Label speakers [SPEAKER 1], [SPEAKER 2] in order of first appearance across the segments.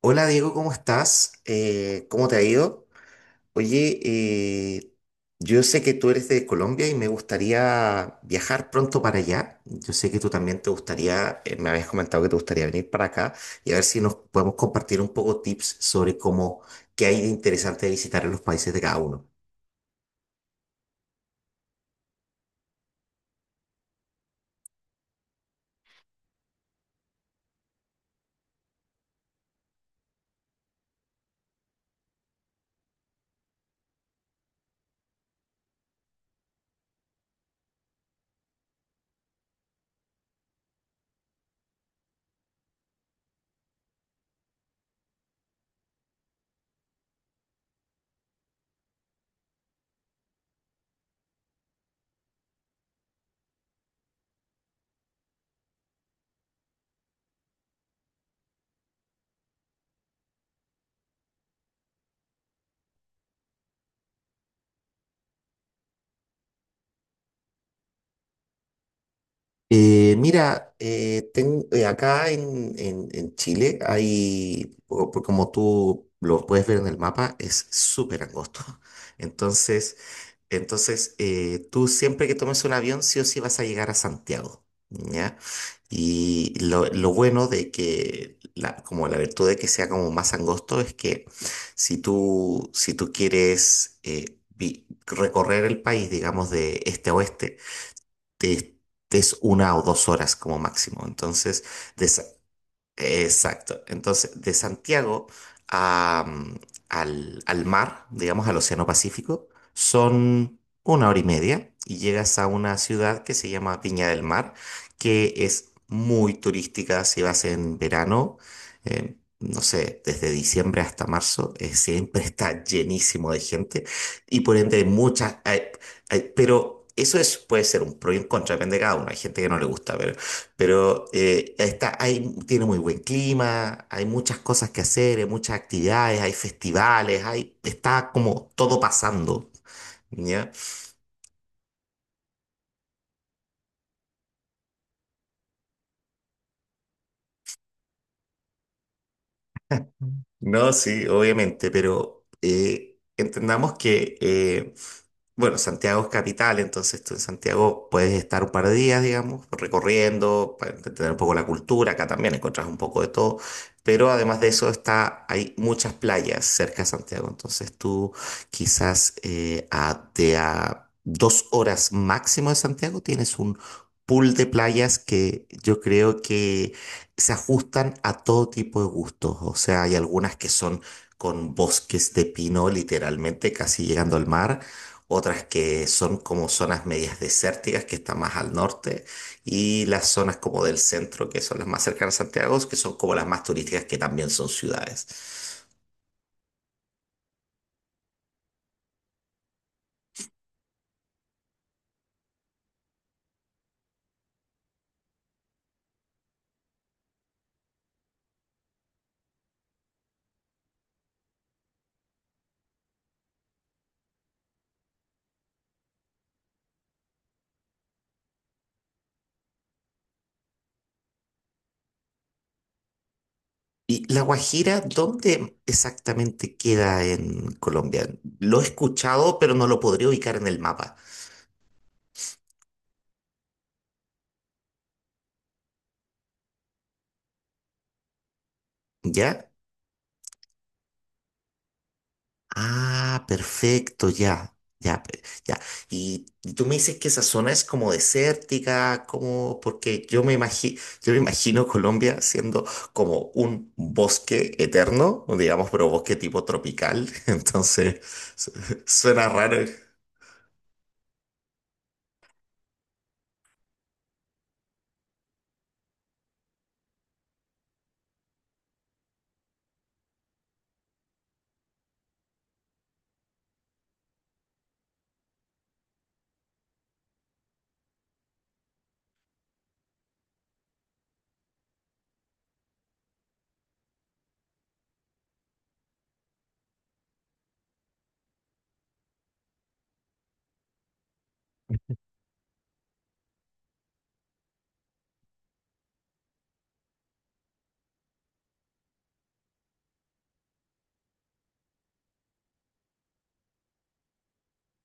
[SPEAKER 1] Hola Diego, ¿cómo estás? ¿Cómo te ha ido? Oye, yo sé que tú eres de Colombia y me gustaría viajar pronto para allá. Yo sé que tú también te gustaría, me habías comentado que te gustaría venir para acá y a ver si nos podemos compartir un poco tips sobre cómo, qué hay de interesante de visitar en los países de cada uno. Mira, acá en Chile hay, por como tú lo puedes ver en el mapa, es súper angosto. Entonces... Entonces, tú siempre que tomes un avión, sí o sí vas a llegar a Santiago, ¿ya? Y lo bueno de que, la, como la virtud de que sea como más angosto, es que si tú quieres recorrer el país, digamos, de este a oeste, te- te es 1 o 2 horas como máximo. Entonces, exacto. Entonces, de Santiago a, mm, al mar, digamos al Océano Pacífico, son una hora y media y llegas a una ciudad que se llama Viña del Mar, que es muy turística si vas en verano. No sé, desde diciembre hasta marzo, siempre está llenísimo de gente y por ende hay muchas, hay- hay- pero eso es, puede ser un pro y un contra, depende de cada uno. Hay gente que no le gusta, pero está, hay, tiene muy buen clima, hay muchas cosas que hacer, hay muchas actividades, hay festivales, hay, está como todo pasando, ¿ya? No, sí, obviamente, pero entendamos que, bueno, Santiago es capital, entonces tú en Santiago puedes estar un par de días, digamos, recorriendo, para entender un poco la cultura, acá también encontrás un poco de todo, pero además de eso está, hay muchas playas cerca de Santiago, entonces tú quizás de a 2 horas máximo de Santiago tienes un pool de playas que yo creo que se ajustan a todo tipo de gustos. O sea, hay algunas que son con bosques de pino, literalmente casi llegando al mar. Otras que son como zonas medias desérticas, que están más al norte. Y las zonas como del centro, que son las más cercanas a Santiago, que son como las más turísticas, que también son ciudades. ¿Y La Guajira, dónde exactamente queda en Colombia? Lo he escuchado, pero no lo podría ubicar en el mapa. ¿Ya? Ah, perfecto, ya, ya, ya. Y tú me dices que esa zona es como desértica, como, porque yo me imagino Colombia siendo como un bosque eterno, digamos, pero bosque tipo tropical. Entonces, su- suena raro.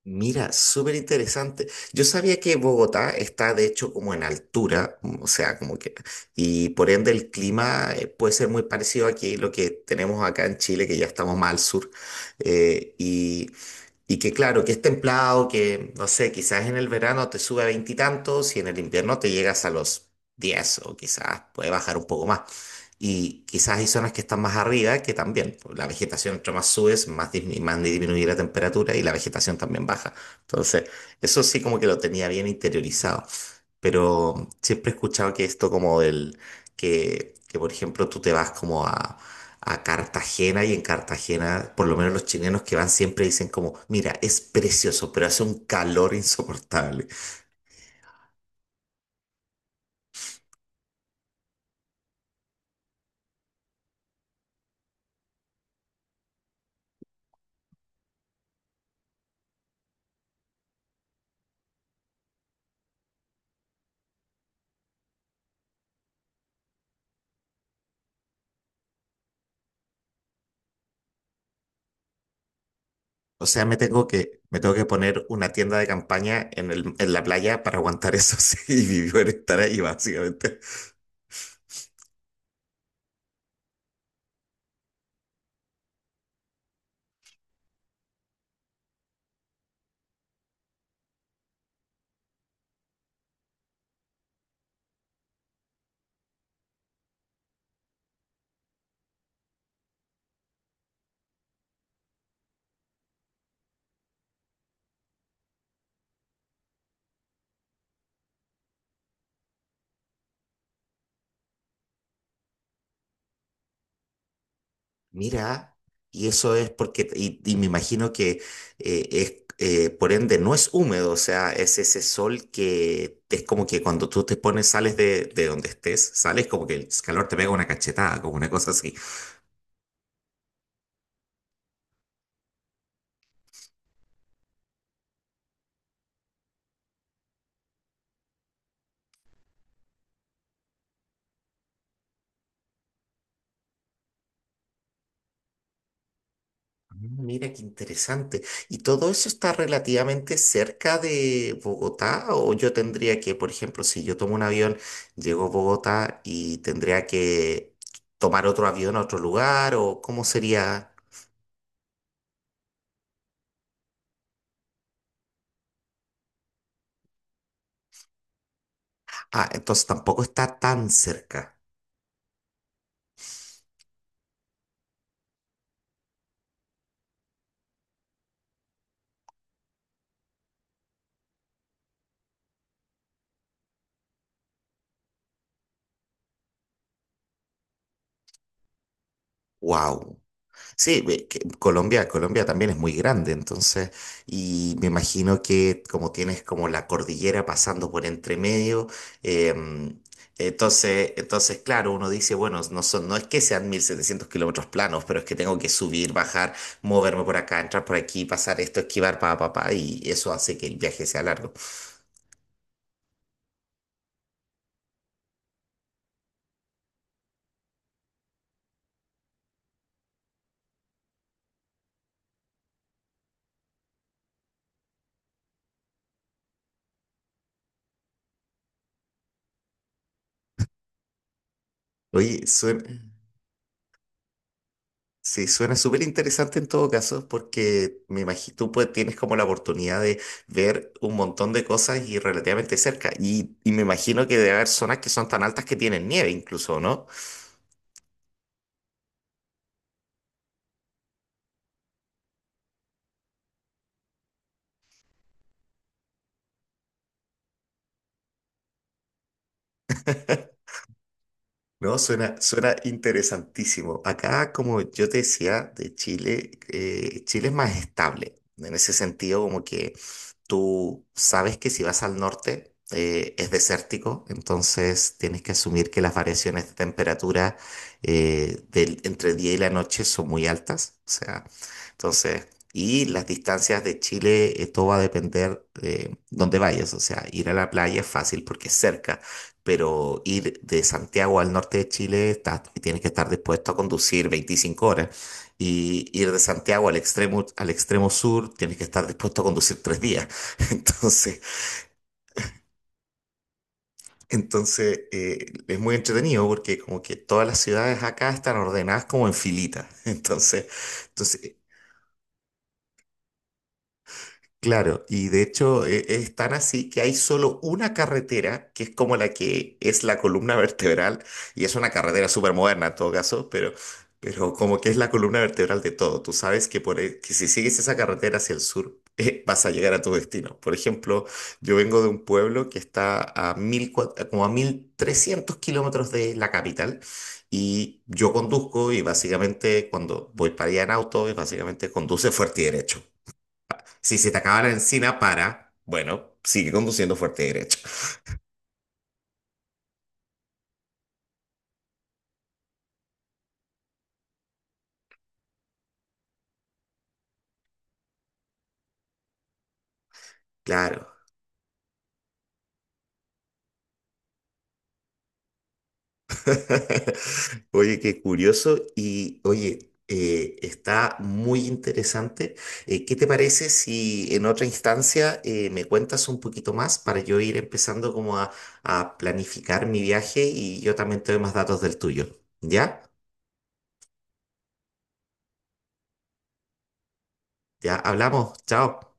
[SPEAKER 1] Mira, súper interesante. Yo sabía que Bogotá está de hecho como en altura, o sea, como que, y por ende el clima puede ser muy parecido aquí, lo que tenemos acá en Chile, que ya estamos más al sur. Eh, y y que claro, que es templado, que no sé, quizás en el verano te sube a veintitantos y, en el invierno te llegas a los diez o quizás puede bajar un poco más. Y quizás hay zonas que están más arriba que también, pues, la vegetación entre más subes, más disminuye la temperatura y la vegetación también baja. Entonces, eso sí como que lo tenía bien interiorizado, pero siempre he escuchado que esto como del, que por ejemplo tú te vas como a Cartagena y en Cartagena, por lo menos los chilenos que van siempre dicen como, mira, es precioso, pero hace un calor insoportable. O sea, me tengo que poner una tienda de campaña en el, en la playa para aguantar eso sí, y vivir estar ahí básicamente. Mira, y eso es porque, y me imagino que por ende no es húmedo, o sea, es ese sol que es como que cuando tú te pones, sales de donde estés, sales como que el calor te pega una cachetada, como una cosa así. Ah, mira, qué interesante. ¿Y todo eso está relativamente cerca de Bogotá? ¿O yo tendría que, por ejemplo, si yo tomo un avión, llego a Bogotá y tendría que tomar otro avión a otro lugar? ¿O cómo sería? Ah, entonces tampoco está tan cerca. Wow. Sí, ve que Colombia también es muy grande, entonces, y me imagino que como tienes como la cordillera pasando por entre medio, em, entonces, claro, uno dice, bueno, no son, no es que sean 1.700 kilómetros planos, pero es que tengo que subir, bajar, moverme por acá, entrar por aquí, pasar esto, esquivar, pa, pa, pa, y eso hace que el viaje sea largo. Oye, suena, Sí, suena súper interesante en todo caso, porque me imagino tú pues, tienes como la oportunidad de ver un montón de cosas y relativamente cerca. Y me imagino que debe haber zonas que son tan altas que tienen nieve incluso, ¿no? No, suena interesantísimo. Acá, como yo te decía, de Chile, Chile es más estable. En ese sentido, como que tú sabes que si vas al norte es desértico, entonces tienes que asumir que las variaciones de temperatura del, entre el día y la noche son muy altas. O sea, entonces, y las distancias de Chile, todo va a depender de dónde vayas. O sea, ir a la playa es fácil porque es cerca, pero ir de Santiago al norte de Chile tienes que estar dispuesto a conducir 25 horas. Y ir de Santiago al extremo sur, tienes que estar dispuesto a conducir 3 días. Entonces, entonces es muy entretenido porque como que todas las ciudades acá están ordenadas como en filitas. Entonces, entonces claro, y de hecho es tan así que hay solo una carretera que es como la que es la columna vertebral, y es una carretera súper moderna en todo caso, pero como que es la columna vertebral de todo. Tú sabes que, que si sigues esa carretera hacia el sur, vas a llegar a tu destino. Por ejemplo, yo vengo de un pueblo que está como a 1.300 kilómetros de la capital, y yo conduzco, y básicamente cuando voy para allá en auto, y básicamente conduce fuerte y derecho. Si se te acaba la encina, para. Bueno, sigue conduciendo fuerte derecho. Claro. Oye, qué curioso. Y oye, está muy interesante. ¿Qué te parece si en otra instancia me cuentas un poquito más para yo ir empezando como a planificar mi viaje y yo también te doy más datos del tuyo? ¿Ya? Ya hablamos. Chao.